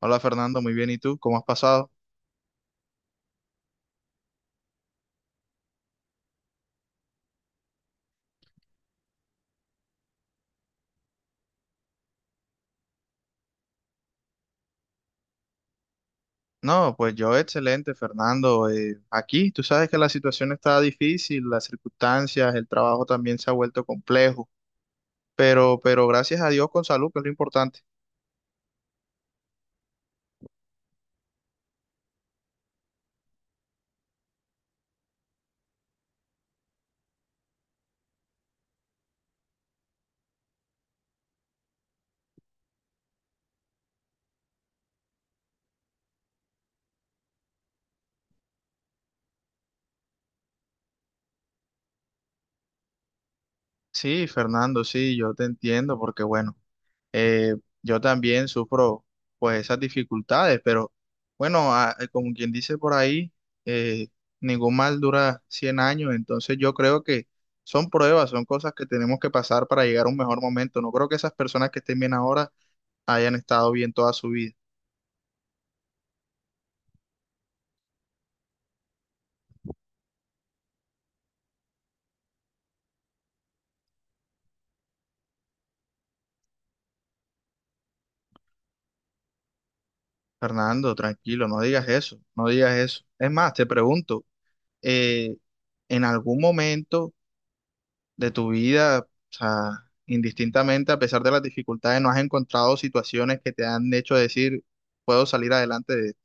Hola Fernando, muy bien. ¿Y tú? ¿Cómo has pasado? No, pues yo excelente, Fernando. Aquí tú sabes que la situación está difícil, las circunstancias, el trabajo también se ha vuelto complejo, pero gracias a Dios con salud, que es lo importante. Sí, Fernando, sí, yo te entiendo, porque bueno. eh, yo también sufro pues esas dificultades, pero bueno, como quien dice por ahí, eh, ningún mal dura 100 años. Entonces yo creo que son pruebas, son cosas que tenemos que pasar para llegar a un mejor momento. No creo que esas personas que estén bien ahora hayan estado bien toda su vida. Fernando, tranquilo, no digas eso, no digas eso. Es más, te pregunto, eh, ¿en algún momento de tu vida, o sea, indistintamente, a pesar de las dificultades, no has encontrado situaciones que te han hecho decir, puedo salir adelante de esto?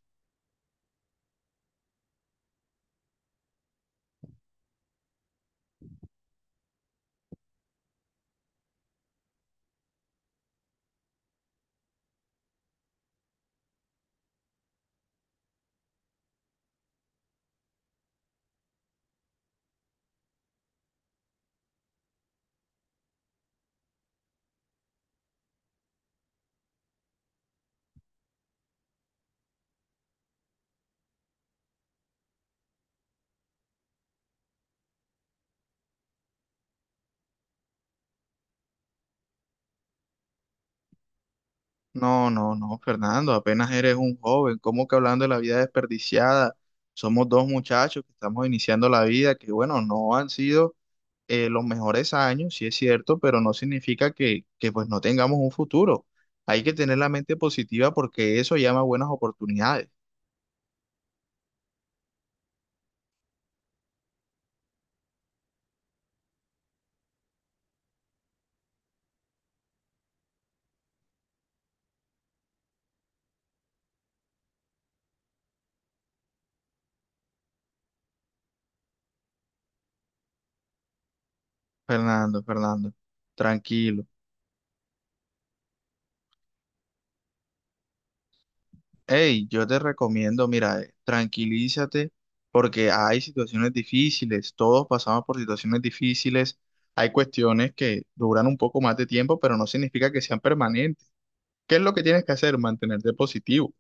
No, no, no, Fernando, apenas eres un joven, ¿cómo que hablando de la vida desperdiciada? Somos dos muchachos que estamos iniciando la vida, que bueno, no han sido los mejores años, sí es cierto, pero no significa que pues no tengamos un futuro. Hay que tener la mente positiva porque eso llama buenas oportunidades. Fernando, Fernando, tranquilo. Hey, yo te recomiendo, mira, tranquilízate porque hay situaciones difíciles, todos pasamos por situaciones difíciles, hay cuestiones que duran un poco más de tiempo, pero no significa que sean permanentes. ¿Qué es lo que tienes que hacer? Mantenerte positivo,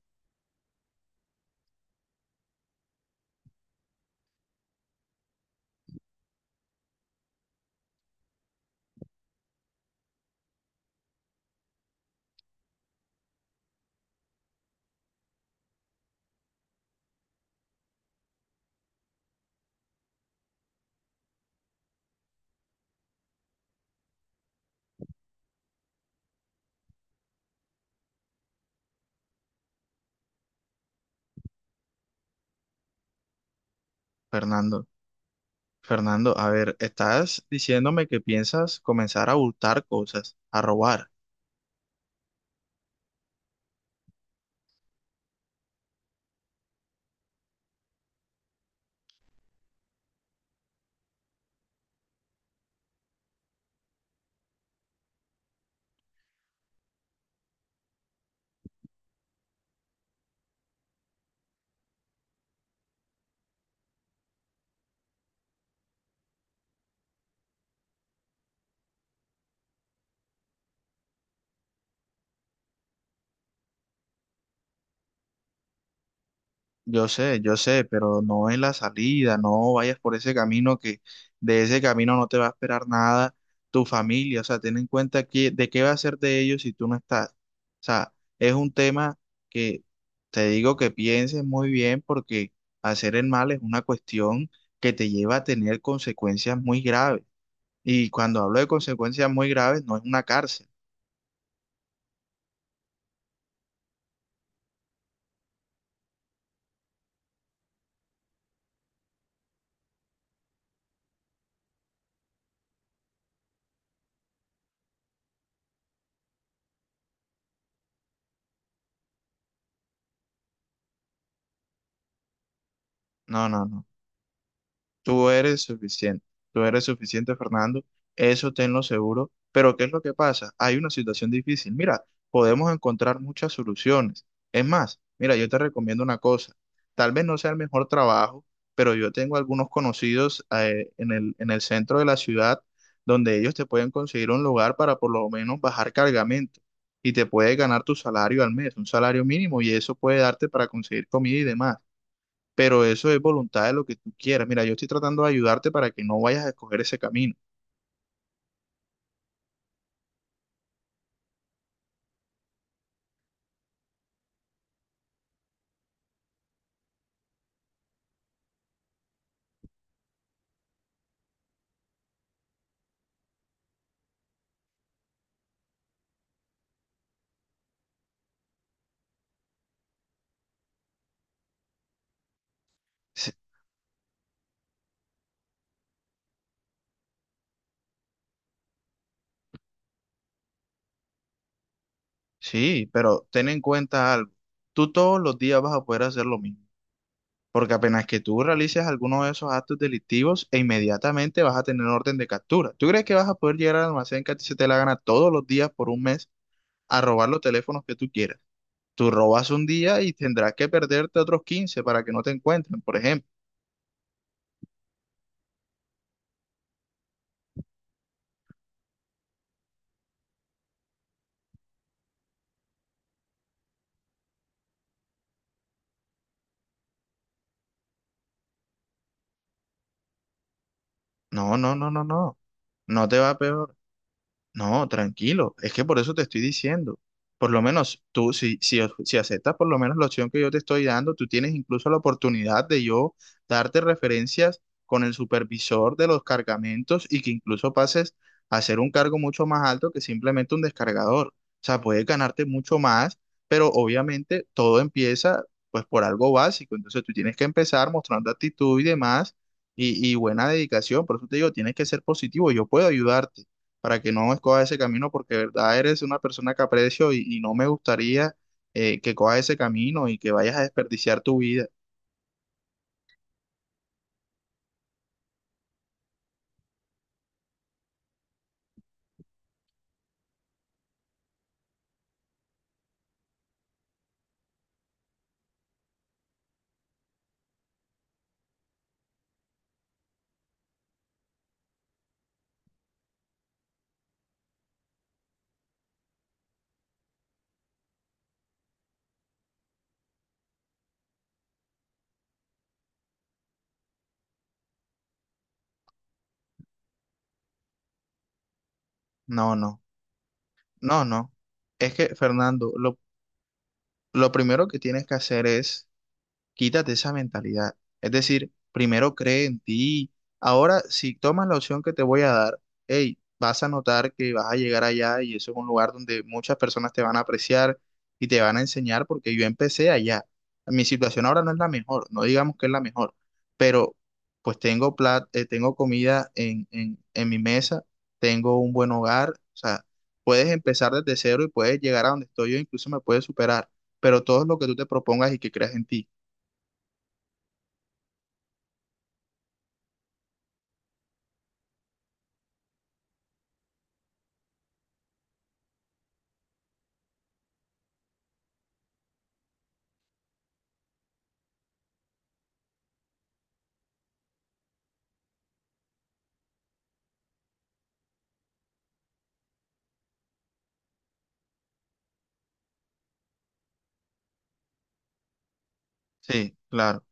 Fernando. Fernando, a ver, estás diciéndome que piensas comenzar a hurtar cosas, a robar. Yo sé, pero no es la salida, no vayas por ese camino, que de ese camino no te va a esperar nada tu familia. O sea, ten en cuenta que, de qué va a ser de ellos si tú no estás. O sea, es un tema que te digo que pienses muy bien, porque hacer el mal es una cuestión que te lleva a tener consecuencias muy graves. Y cuando hablo de consecuencias muy graves, no es una cárcel. No, no, no. Tú eres suficiente, tú eres suficiente, Fernando, eso tenlo seguro, pero ¿qué es lo que pasa? Hay una situación difícil. Mira, podemos encontrar muchas soluciones. Es más, mira, yo te recomiendo una cosa, tal vez no sea el mejor trabajo, pero yo tengo algunos conocidos en en el centro de la ciudad, donde ellos te pueden conseguir un lugar para por lo menos bajar cargamento, y te puedes ganar tu salario al mes, un salario mínimo, y eso puede darte para conseguir comida y demás, pero eso es voluntad de lo que tú quieras. Mira, yo estoy tratando de ayudarte para que no vayas a escoger ese camino. Sí, sí, pero ten en cuenta algo. Tú todos los días vas a poder hacer lo mismo, porque apenas que tú realices alguno de esos actos delictivos, e inmediatamente vas a tener orden de captura. ¿Tú crees que vas a poder llegar al almacén que a ti se te la gana todos los días por un mes a robar los teléfonos que tú quieras? Tú robas un día y tendrás que perderte otros 15 para que no te encuentren, por ejemplo. No, no, no, no, no. No te va peor. No, tranquilo, es que por eso te estoy diciendo. Por lo menos tú, si aceptas por lo menos la opción que yo te estoy dando, tú tienes incluso la oportunidad de yo darte referencias con el supervisor de los cargamentos y que incluso pases a ser un cargo mucho más alto que simplemente un descargador. O sea, puedes ganarte mucho más, pero obviamente todo empieza pues por algo básico. Entonces tú tienes que empezar mostrando actitud y demás y buena dedicación. Por eso te digo, tienes que ser positivo, yo puedo ayudarte para que no escoja ese camino, porque de verdad eres una persona que aprecio y no me gustaría que cojas ese camino y que vayas a desperdiciar tu vida. No, no, no, no. Es que, Fernando, lo primero que tienes que hacer es quítate esa mentalidad. Es decir, primero cree en ti. Ahora, si tomas la opción que te voy a dar, hey, vas a notar que vas a llegar allá, y eso es un lugar donde muchas personas te van a apreciar y te van a enseñar porque yo empecé allá. Mi situación ahora no es la mejor, no digamos que es la mejor, pero pues tengo tengo comida en, en mi mesa, tengo un buen hogar. O sea, puedes empezar desde cero y puedes llegar a donde estoy yo, incluso me puedes superar, pero todo es lo que tú te propongas y que creas en ti. Sí, claro.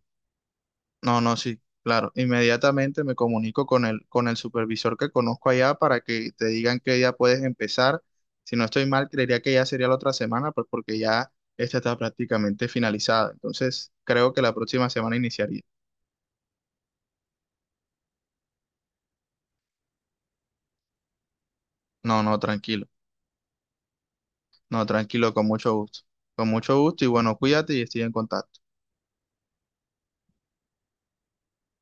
No, no, sí, claro. Inmediatamente me comunico con el supervisor que conozco allá, para que te digan que ya puedes empezar. Si no estoy mal, creería que ya sería la otra semana, pues porque ya esta está prácticamente finalizada. Entonces, creo que la próxima semana iniciaría. No, no, tranquilo. No, tranquilo, con mucho gusto. Con mucho gusto y bueno, cuídate y estoy en contacto.